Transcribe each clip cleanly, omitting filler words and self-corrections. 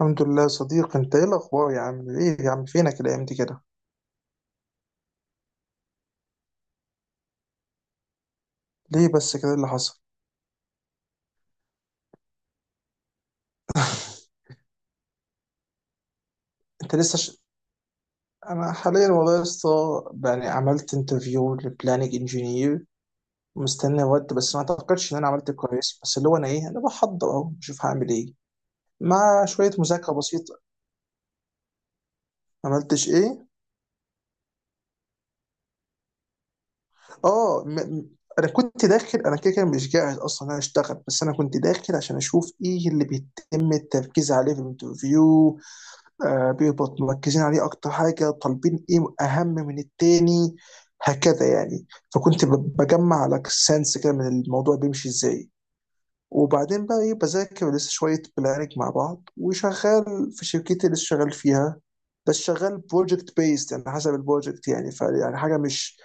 الحمد لله يا صديقي، انت ايه الاخبار يا عم؟ ايه يا عم، فينك الايام دي كده؟ ليه بس كده، إيه اللي حصل؟ انت لسه ش... انا حاليا والله يا اسطى، يعني عملت انترفيو لبلاننج انجينير. مستني رد، بس ما اعتقدش ان انا عملت كويس. بس اللي هو انا ايه انا بحضر اهو، بشوف هعمل ايه مع شويه مذاكره بسيطه. ما عملتش ايه؟ اه م... م- انا كنت داخل، كده كده مش جاهز اصلا ان انا اشتغل، بس انا كنت داخل عشان اشوف ايه اللي بيتم التركيز عليه في الانترفيو. بيهبط مركزين عليه اكتر حاجه، طالبين ايه اهم من التاني، هكذا يعني. فكنت بجمع لك سنس كده من الموضوع بيمشي ازاي. وبعدين بقى ايه، بذاكر لسه شويه بلانك مع بعض، وشغال في شركتي اللي لسه شغال فيها. بس شغال بروجكت بيست، يعني حسب البروجكت، يعني ف يعني حاجه مش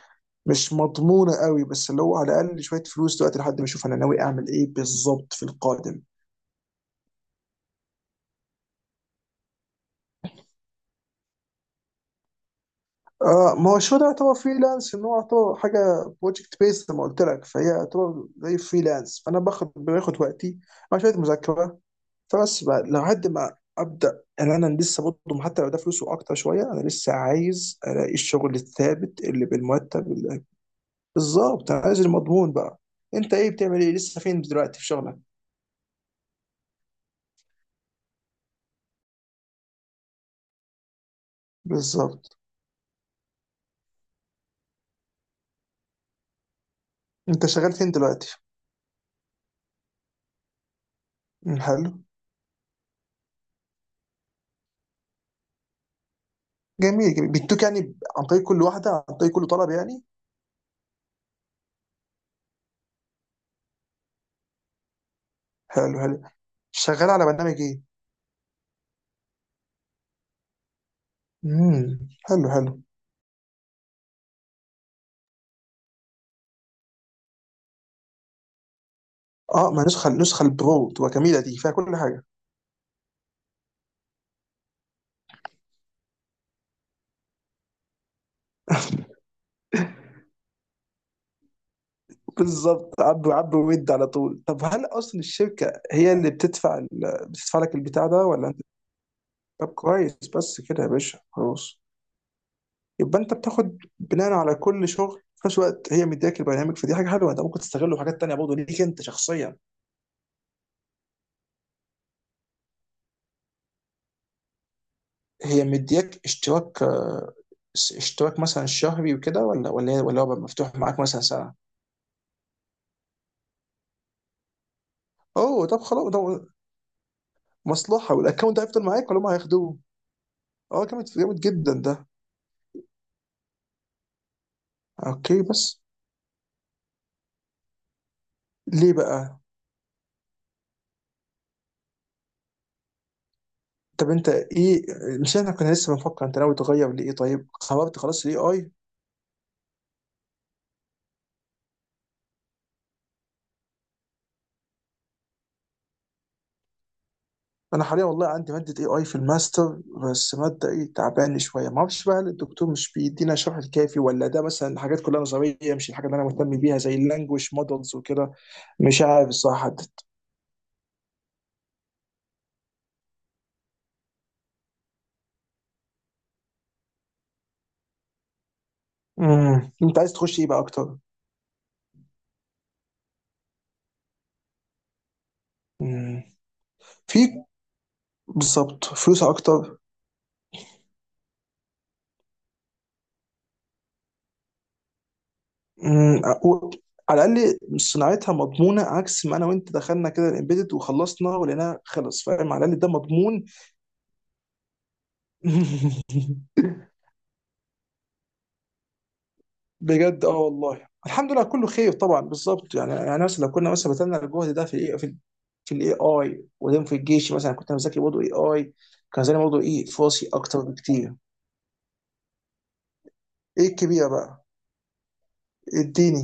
مش مضمونه قوي، بس اللي هو على الاقل شويه فلوس دلوقتي، لحد ما اشوف انا ناوي اعمل ايه بالظبط في القادم. اه، ما هو شو ده يعتبر فريلانس، ان هو يعتبر حاجه بروجكت بيس زي ما قلت لك، فهي يعتبر زي فريلانس، فانا باخد وقتي مع شويه مذاكره. فبس بقى لحد ما ابدا، يعني انا لسه برضه، حتى لو ده فلوسه اكتر شويه، انا لسه عايز الاقي الشغل الثابت اللي بالمرتب بالظبط، انا عايز المضمون بقى. انت ايه بتعمل، ايه لسه فين دلوقتي في شغلك؟ بالظبط. انت شغال فين دلوقتي؟ مم، حلو. جميل جميل، بيدوك يعني، عن طريق كل واحده، عن طريق كل طلب يعني. حلو حلو. شغال على برنامج ايه؟ امم. حلو حلو. اه، ما النسخه البرو تبقى جميله، دي فيها كل حاجه. بالظبط، عبوا عبوا ويد على طول. طب هل اصلا الشركه هي اللي بتدفع بتدفع لك البتاع ده، ولا انت؟ طب كويس بس كده يا باشا، خلاص. يبقى انت بتاخد بناء على كل شغل، في نفس الوقت هي مدياك البرنامج، فدي حاجه حلوه، انت ممكن تستغله في حاجات تانيه برضه ليك انت شخصيا. هي مدياك اشتراك، اشتراك مثلا شهري وكده، ولا ولا هو بقى مفتوح معاك مثلا سنه؟ اوه، طب خلاص، ده مصلحه. والاكونت ده هيفضل معاك ولا هم هياخدوه؟ اه، جامد جامد جدا ده. اوكي بس، ليه بقى؟ طب انت ايه، مش احنا كنا لسه بنفكر انت ناوي تغير لايه؟ طيب خربت خلاص الاي اي. انا حاليا والله عندي ماده اي اي في الماستر، بس ماده ايه، تعبان شويه، ما اعرفش بقى هل الدكتور مش بيدينا الشرح الكافي، ولا ده مثلا حاجات كلها نظريه مش الحاجه اللي انا مهتم بيها زي اللانجوج مودلز وكده. مش عارف الصراحه، حدد. انت عايز تخش ايه بقى اكتر؟ امم. في، بالظبط، فلوس اكتر. مم. على الاقل صناعتها مضمونه، عكس ما انا وانت دخلنا كده الامبيدد وخلصنا ولقيناها خلص، فاهم؟ على الاقل ده مضمون. بجد، اه والله الحمد لله كله خير طبعا. بالظبط، يعني مثلا لو كنا مثلا بذلنا الجهد ده في في الاي اي، وبعدين في الجيش مثلا كنت انا بذاكر برضه اي اي، كان زمان برضه ايه فرصي اكتر بكتير. ايه الكبيره بقى؟ اديني.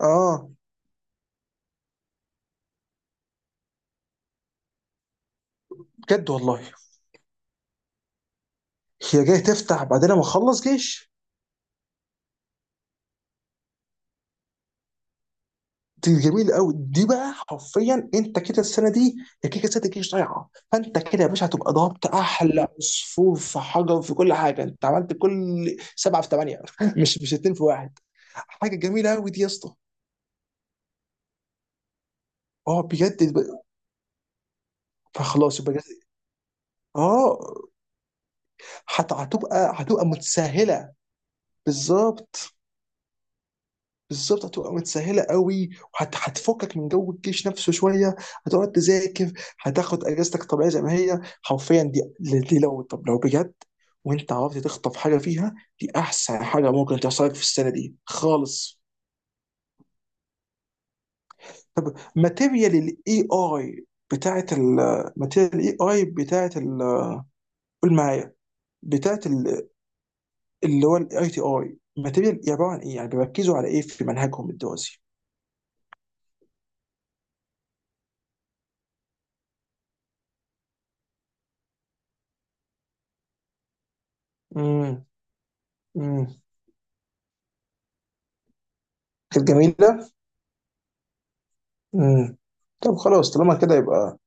اه بجد والله؟ هي جايه تفتح بعدين ما اخلص جيش؟ دي جميل قوي دي بقى، حرفيا انت كده السنه دي، يا كيكه السنه دي مش ضايعه، فانت كده يا باشا هتبقى ضربت احلى عصفور في حجر، في كل حاجه انت عملت كل سبعه في ثمانيه مش اتنين في واحد. حاجه جميله قوي دي يا اسطى. اه بجد، فخلاص يبقى. اه، هتبقى متسهله. بالظبط، بالظبط. هتبقى متسهله قوي، هتفكك من جو الجيش نفسه شويه، هتقعد تذاكر، هتاخد اجازتك طبيعيه زي ما هي حرفيا دي، لو طب لو بجد وانت عرفت تخطف حاجه فيها، دي احسن حاجه ممكن تحصل لك في السنه دي خالص. طب ماتيريال الاي اي، بتاعت الماتيريال الاي اي بتاعت قول معايا، بتاعت اللي هو الاي تي اي، ماتيريال عباره عن ايه؟ يعني بيركزوا على ايه في منهجهم الدراسي؟ امم. امم. كانت جميله. امم. طب خلاص طالما كده، يبقى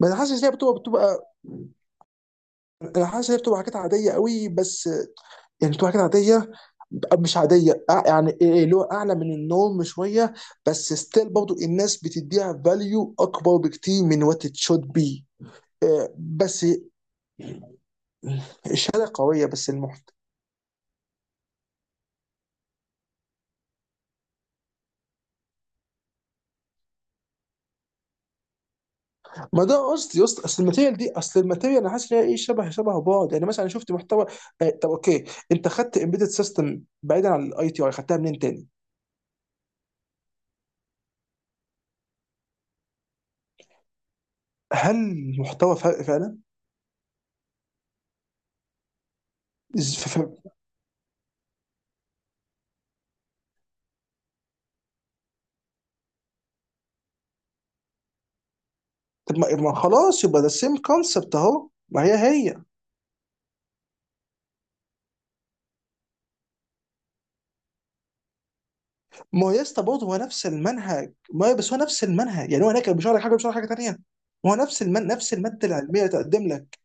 بس حاسس ان هي بتبقى، انا حاسس ان هي بتبقى حاجات عاديه قوي بس. يعني بتبقى حاجات عاديه، مش عاديه، يعني إيه إيه، اللي هو اعلى من النورم شويه، بس ستيل برضو الناس بتديها فاليو اكبر بكتير من وات ات شود بي. بس الشهاده قويه، بس المحتوى. ما ده قصدي يا اسطى، اصل الماتيريال انا حاسس ان هي ايه، شبه شبه بعض، يعني مثلا أنا شفت محتوى. طب اوكي، انت خدت امبيدد سيستم بعيدا عن الاي تي اي، خدتها منين تاني؟ هل المحتوى فرق فعلا؟ إز- ف- ف- طب ما خلاص يبقى ده سيم كونسبت اهو، ما هي هي. ما هو يا اسطى برضه هو نفس المنهج، ما هي بس هو نفس المنهج، يعني هو هناك كان بيشرح لك حاجه، بيشرح لك حاجه تانيه. ما هو نفس نفس الماده العلميه اللي تقدم لك.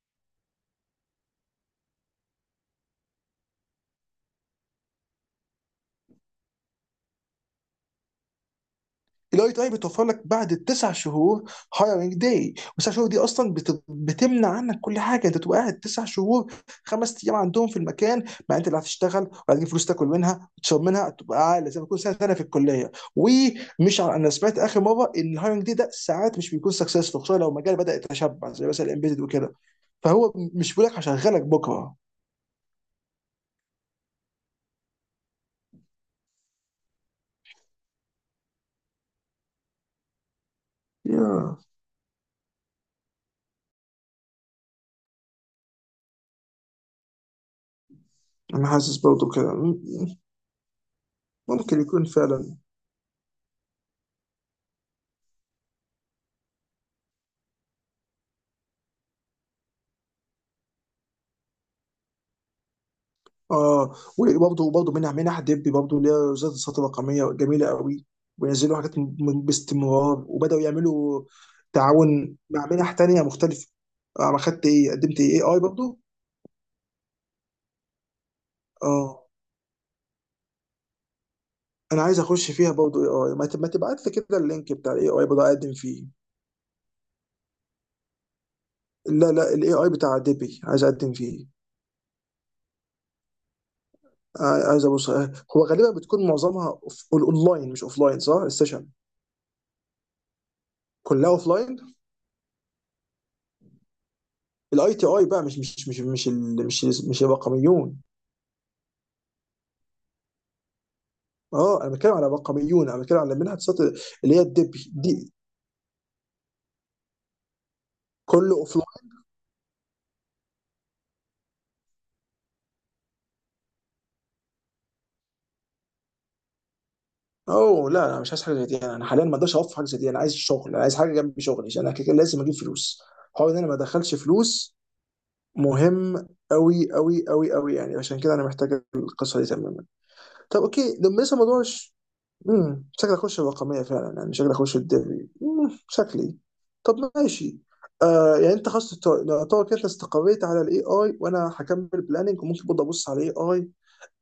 الاي تي اي بتوفر لك بعد التسع شهور، هايرنج داي، والتسع شهور دي اصلا بتمنع عنك كل حاجه، انت تبقى قاعد تسع شهور، خمس ايام عندهم في المكان، مع انت اللي هتشتغل وهتجيب فلوس تاكل منها وتشرب منها، تبقى قاعد زي ما تكون سنه سنه في الكليه. انا سمعت اخر مره ان الهايرنج داي ده ساعات مش بيكون سكسسفول، خصوصا لو المجال بدا يتشبع زي مثلا الامبيدد وكده، فهو مش بيقول لك هشغلك بكره. يا انا حاسس برضه كده، ممكن يكون فعلا. اه، وبرضه منح دبي برضه، اللي هي وزاره الصحه الرقميه، جميله قوي، وينزلوا حاجات باستمرار، وبداوا يعملوا تعاون مع منح تانية مختلفه. انا خدت ايه، قدمت ايه، اي برضه. اه، انا عايز اخش فيها برضه اي اي، ما تبعت لي كده اللينك بتاع الاي اي برضه اقدم فيه. لا لا، الاي اي بتاع دبي عايز اقدم فيه. عايز ابص. هو غالبا بتكون معظمها اونلاين مش اوفلاين، صح؟ السيشن كلها اوفلاين؟ الاي تي اي بقى مش مش مش مش ال- مش مش الرقميون. اه، انا بتكلم على رقميون، انا بتكلم على منها تصات اللي هي الدب دي. كله اوف لاين. اوه لا، انا مش عايز حاجه زي دي، أنا حاليا ما اقدرش اوفر حاجه زي دي، انا عايز شغل، انا عايز حاجه جنب شغلي، عشان انا كده كده لازم اجيب فلوس. حوار ان انا ما ادخلش فلوس مهم قوي قوي قوي قوي يعني، عشان كده انا محتاج القصه دي تمام. طب اوكي، لما لسه الموضوع مش. امم، شكلي اخش الرقميه فعلا، يعني شكلي اخش الدوري، امم، شكلي. طب ماشي. يعني انت خلاص، يعتبر كده انت استقريت على الاي اي، وانا هكمل بلاننج، وممكن برضه ابص على الاي اي.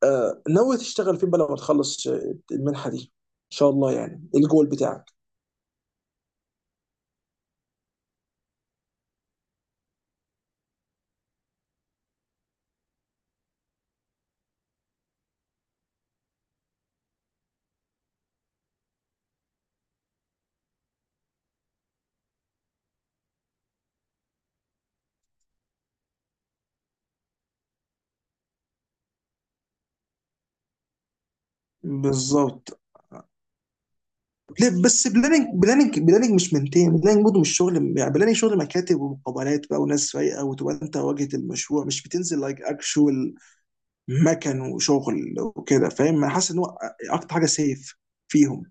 ناوي تشتغل فين بقى لما تخلص المنحه دي ان شاء الله؟ يعني الجول بتاعك. بالظبط. بس بلاننج، بلاننج بلاننج مش منتين، بلاننج برضه مش شغل، يعني بلاننج شغل مكاتب ومقابلات بقى وناس رايقه، وتبقى انت واجهه المشروع، مش بتنزل لايك اكشوال مكن وشغل وكده، فاهم؟ انا حاسس ان هو اكتر حاجه سيف فيهم.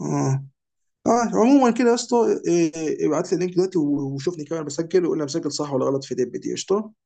اه. اه، عموما كده يا اسطى، إيه، ابعت لي اللينك دلوقتي وشوفني كمان بسجل، وقول لي أنا مسجل صح ولا غلط في ديب دي. قشطه.